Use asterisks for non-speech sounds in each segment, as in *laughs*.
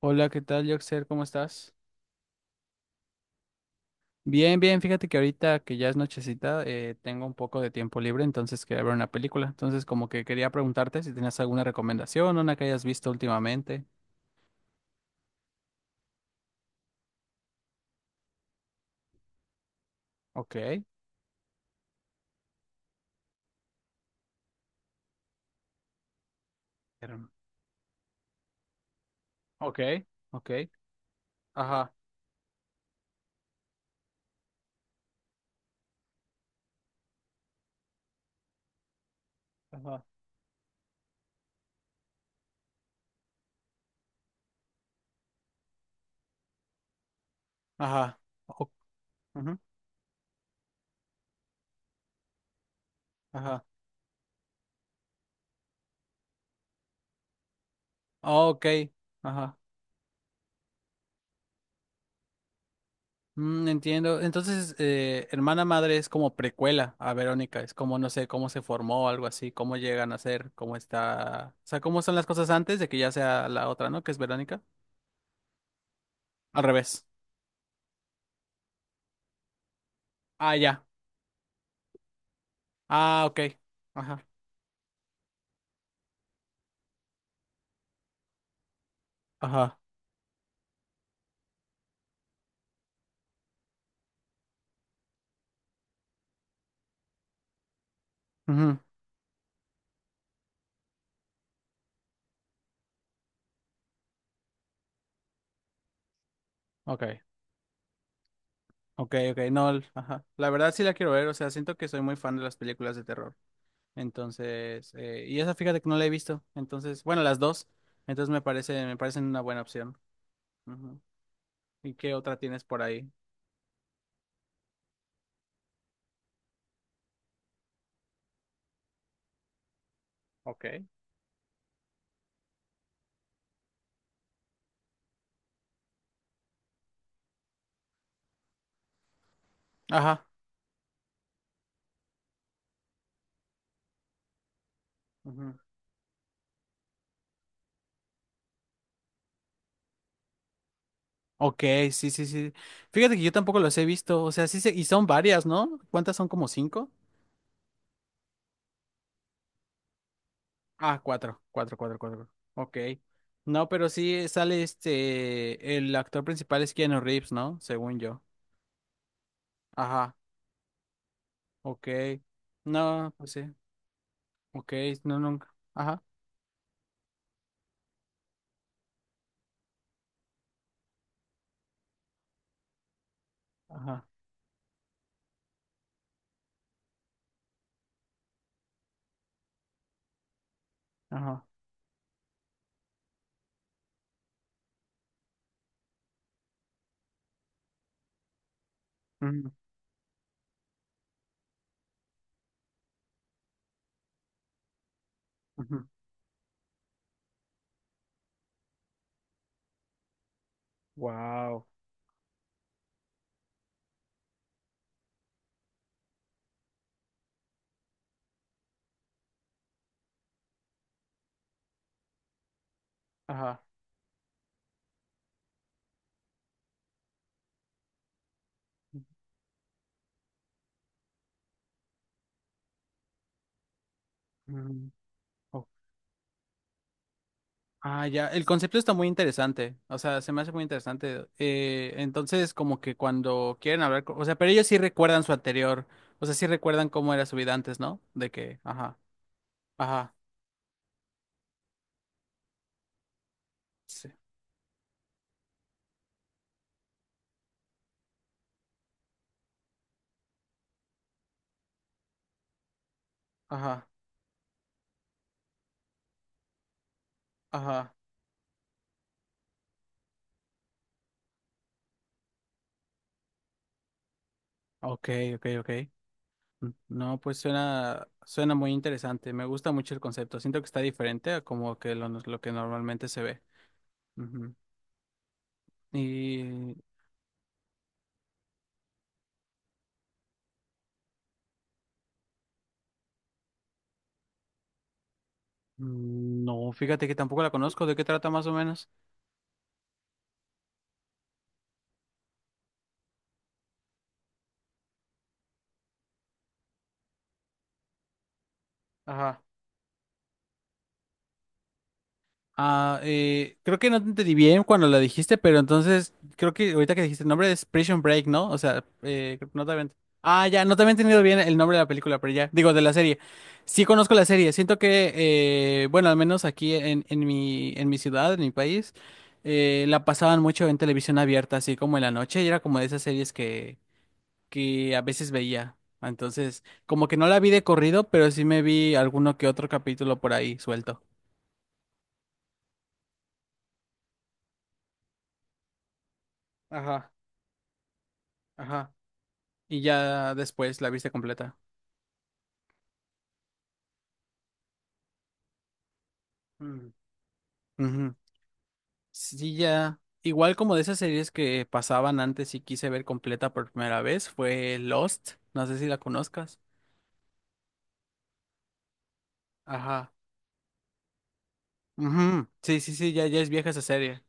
Hola, ¿qué tal, Yoxer? ¿Cómo estás? Bien, bien, fíjate que ahorita que ya es nochecita, tengo un poco de tiempo libre, entonces quería ver una película. Entonces, como que quería preguntarte si tenías alguna recomendación, una que hayas visto últimamente. Ok, pero- ok, ok, ajá, ajá, ajá, o- ujú, ajá, ok, ajá. Mm, entiendo. Entonces, Hermana Madre es como precuela a Verónica, es como, no sé, cómo se formó, algo así, cómo llegan a ser, cómo está, o sea, cómo son las cosas antes de que ya sea la otra, ¿no? Que es Verónica. Al revés. Ah, ya. Ah, ok. Ajá. Ajá. Ujú. Ok. Ok, ok. No, ajá. La verdad sí la quiero ver, o sea, siento que soy muy fan de las películas de terror. Entonces, y esa fíjate que no la he visto. Entonces, bueno, las dos. Entonces me parece, me parecen una buena opción. Ujú. ¿Y qué otra tienes por ahí? Ok. Ajá. Ujú. Ok, sí, sí, sí. Fíjate que yo tampoco los he visto. O sea, sí se... Y son varias, ¿no? ¿Cuántas son? ¿Como cinco? Ah, cuatro. Cuatro, cuatro, cuatro. Ok. No, pero sí sale este... El actor principal es Keanu Reeves, ¿no? Según yo. Ajá. Ok. No, pues sí. Ok, no, nunca. Ajá. Ajá. Ajá. Wow. Ajá. Ujú. Ah, ya, el concepto está muy interesante, o sea, se me hace muy interesante. Entonces, como que cuando quieren hablar, o sea, pero ellos sí recuerdan su anterior, o sea, sí recuerdan cómo era su vida antes, ¿no? De que, ajá, ajá, sí, ajá, ajá, ok, ok, ok. Mm, no, pues suena, suena muy interesante, me gusta mucho el concepto, siento que está diferente a como que lo que normalmente se ve. Ujú. Y no, fíjate que tampoco la conozco, ¿de qué trata más o menos? Ajá. Ah, creo que no te entendí bien cuando la dijiste, pero entonces creo que ahorita que dijiste el nombre es Prison Break, ¿no? O sea, creo que no te ah, ya, no te había entendido bien el nombre de la película, pero ya, digo, de la serie. Sí conozco la serie, siento que, bueno, al menos aquí en mi ciudad, en mi país, la pasaban mucho en televisión abierta, así como en la noche, y era como de esas series que a veces veía. Entonces, como que no la vi de corrido, pero sí me vi alguno que otro capítulo por ahí suelto. Ajá, ajá. Y ya después la viste completa. Mm. Ujú. Sí, ya. Igual como de esas series que pasaban antes y quise ver completa por primera vez, fue Lost. No sé si la conozcas. Ajá. Ujú. Sí, sí, sí, ya, ya es vieja esa serie.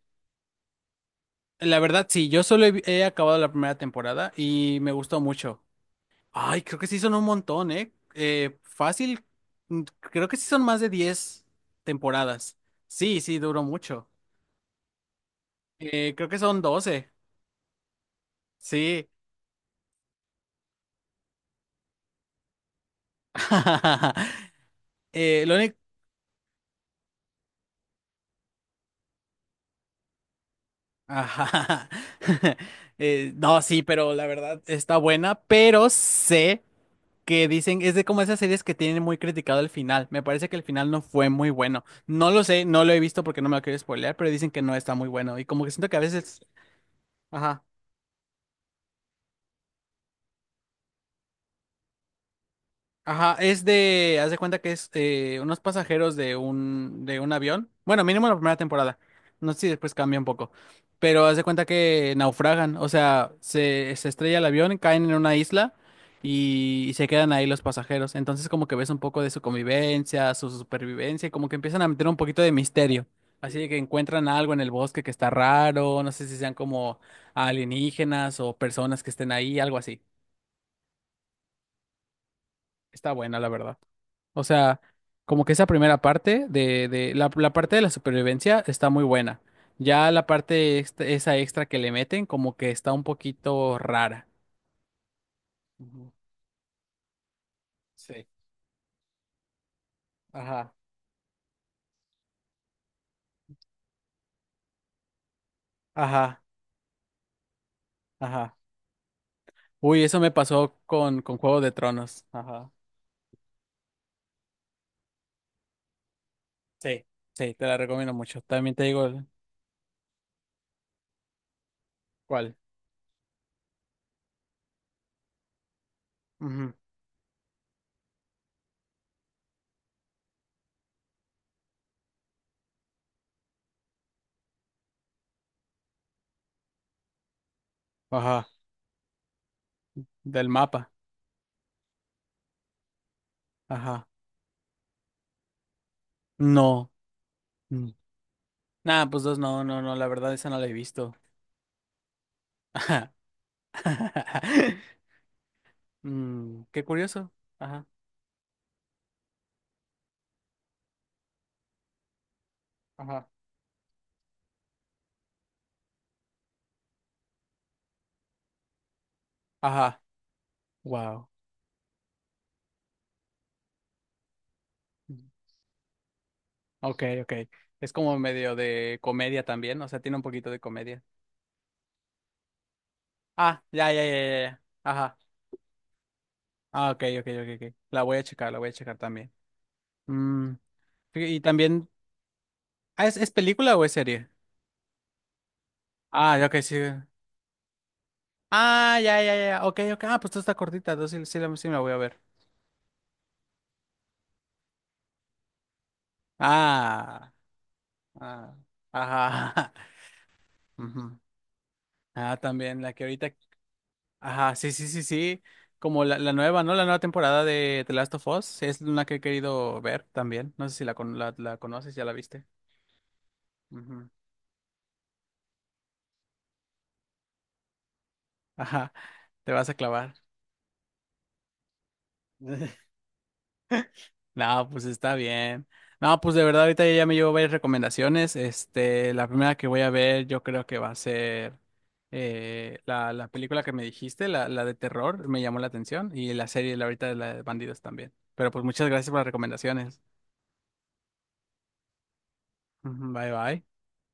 La verdad, sí, yo solo he, he acabado la primera temporada y me gustó mucho. Ay, creo que sí son un montón, ¿eh? Fácil. Creo que sí son más de 10 temporadas. Sí, sí, duró mucho. Creo que son 12. Sí. *laughs* Lo único... Ajá. *laughs* No, sí, pero la verdad está buena, pero sé que dicen, es de como esas series que tienen muy criticado el final. Me parece que el final no fue muy bueno. No lo sé, no lo he visto porque no me lo quiero spoilear, pero dicen que no está muy bueno. Y como que siento que a veces... Ajá. Ajá, es de, haz de cuenta que es unos pasajeros de un avión. Bueno, mínimo la primera temporada. No sé si después cambia un poco. Pero haz de cuenta que naufragan. O sea, se estrella el avión, caen en una isla y se quedan ahí los pasajeros. Entonces como que ves un poco de su convivencia, su supervivencia, y como que empiezan a meter un poquito de misterio. Así de que encuentran algo en el bosque que está raro, no sé si sean como alienígenas o personas que estén ahí, algo así. Está buena, la verdad. O sea, como que esa primera parte de la, la parte de la supervivencia está muy buena. Ya la parte esa extra que le meten, como que está un poquito rara. Ujú, sí. Ajá. Ajá. Ajá. Uy, eso me pasó con Juego de Tronos. Ajá. Sí. Sí, te la recomiendo mucho. También te digo cuál. Ujú. Ajá. Del mapa. Ajá. No. Mm. Nah, pues dos, no, no, no. La verdad, esa no la he visto. *laughs* Ajá. *laughs* Mm, qué curioso. Ajá. Ajá. Ajá, wow. Ok, ok. Es como medio de comedia también, o sea, tiene un poquito de comedia. Ah, ya, ya, ya, ya, ya. Ajá. Ah, ok, ok, ok, ok. La voy a checar, la voy a checar también. Mm, y también, ah, es película o es serie? Ah, ya, ok, sí. Ah, ya, ya, ya. Ok, ok. Ah, pues esto está cortita, entonces sí, sí, la sí me la voy a ver. Ah, ah, ajá. *laughs* ujú. Ah, también, la que ahorita ajá, sí, sí, sí, sí. Como la nueva, ¿no? La nueva temporada de The Last of Us. Es una que he querido ver también. No sé si la, la, la conoces, ya la viste. Ujú. Ajá, te vas a clavar. *laughs* No, pues está bien. No, pues de verdad, ahorita ya me llevo varias recomendaciones. Este, la primera que voy a ver, yo creo que va a ser la, la película que me dijiste, la de terror, me llamó la atención. Y la serie, la ahorita de la de bandidos también. Pero pues muchas gracias por las recomendaciones. Ujú, bye, bye.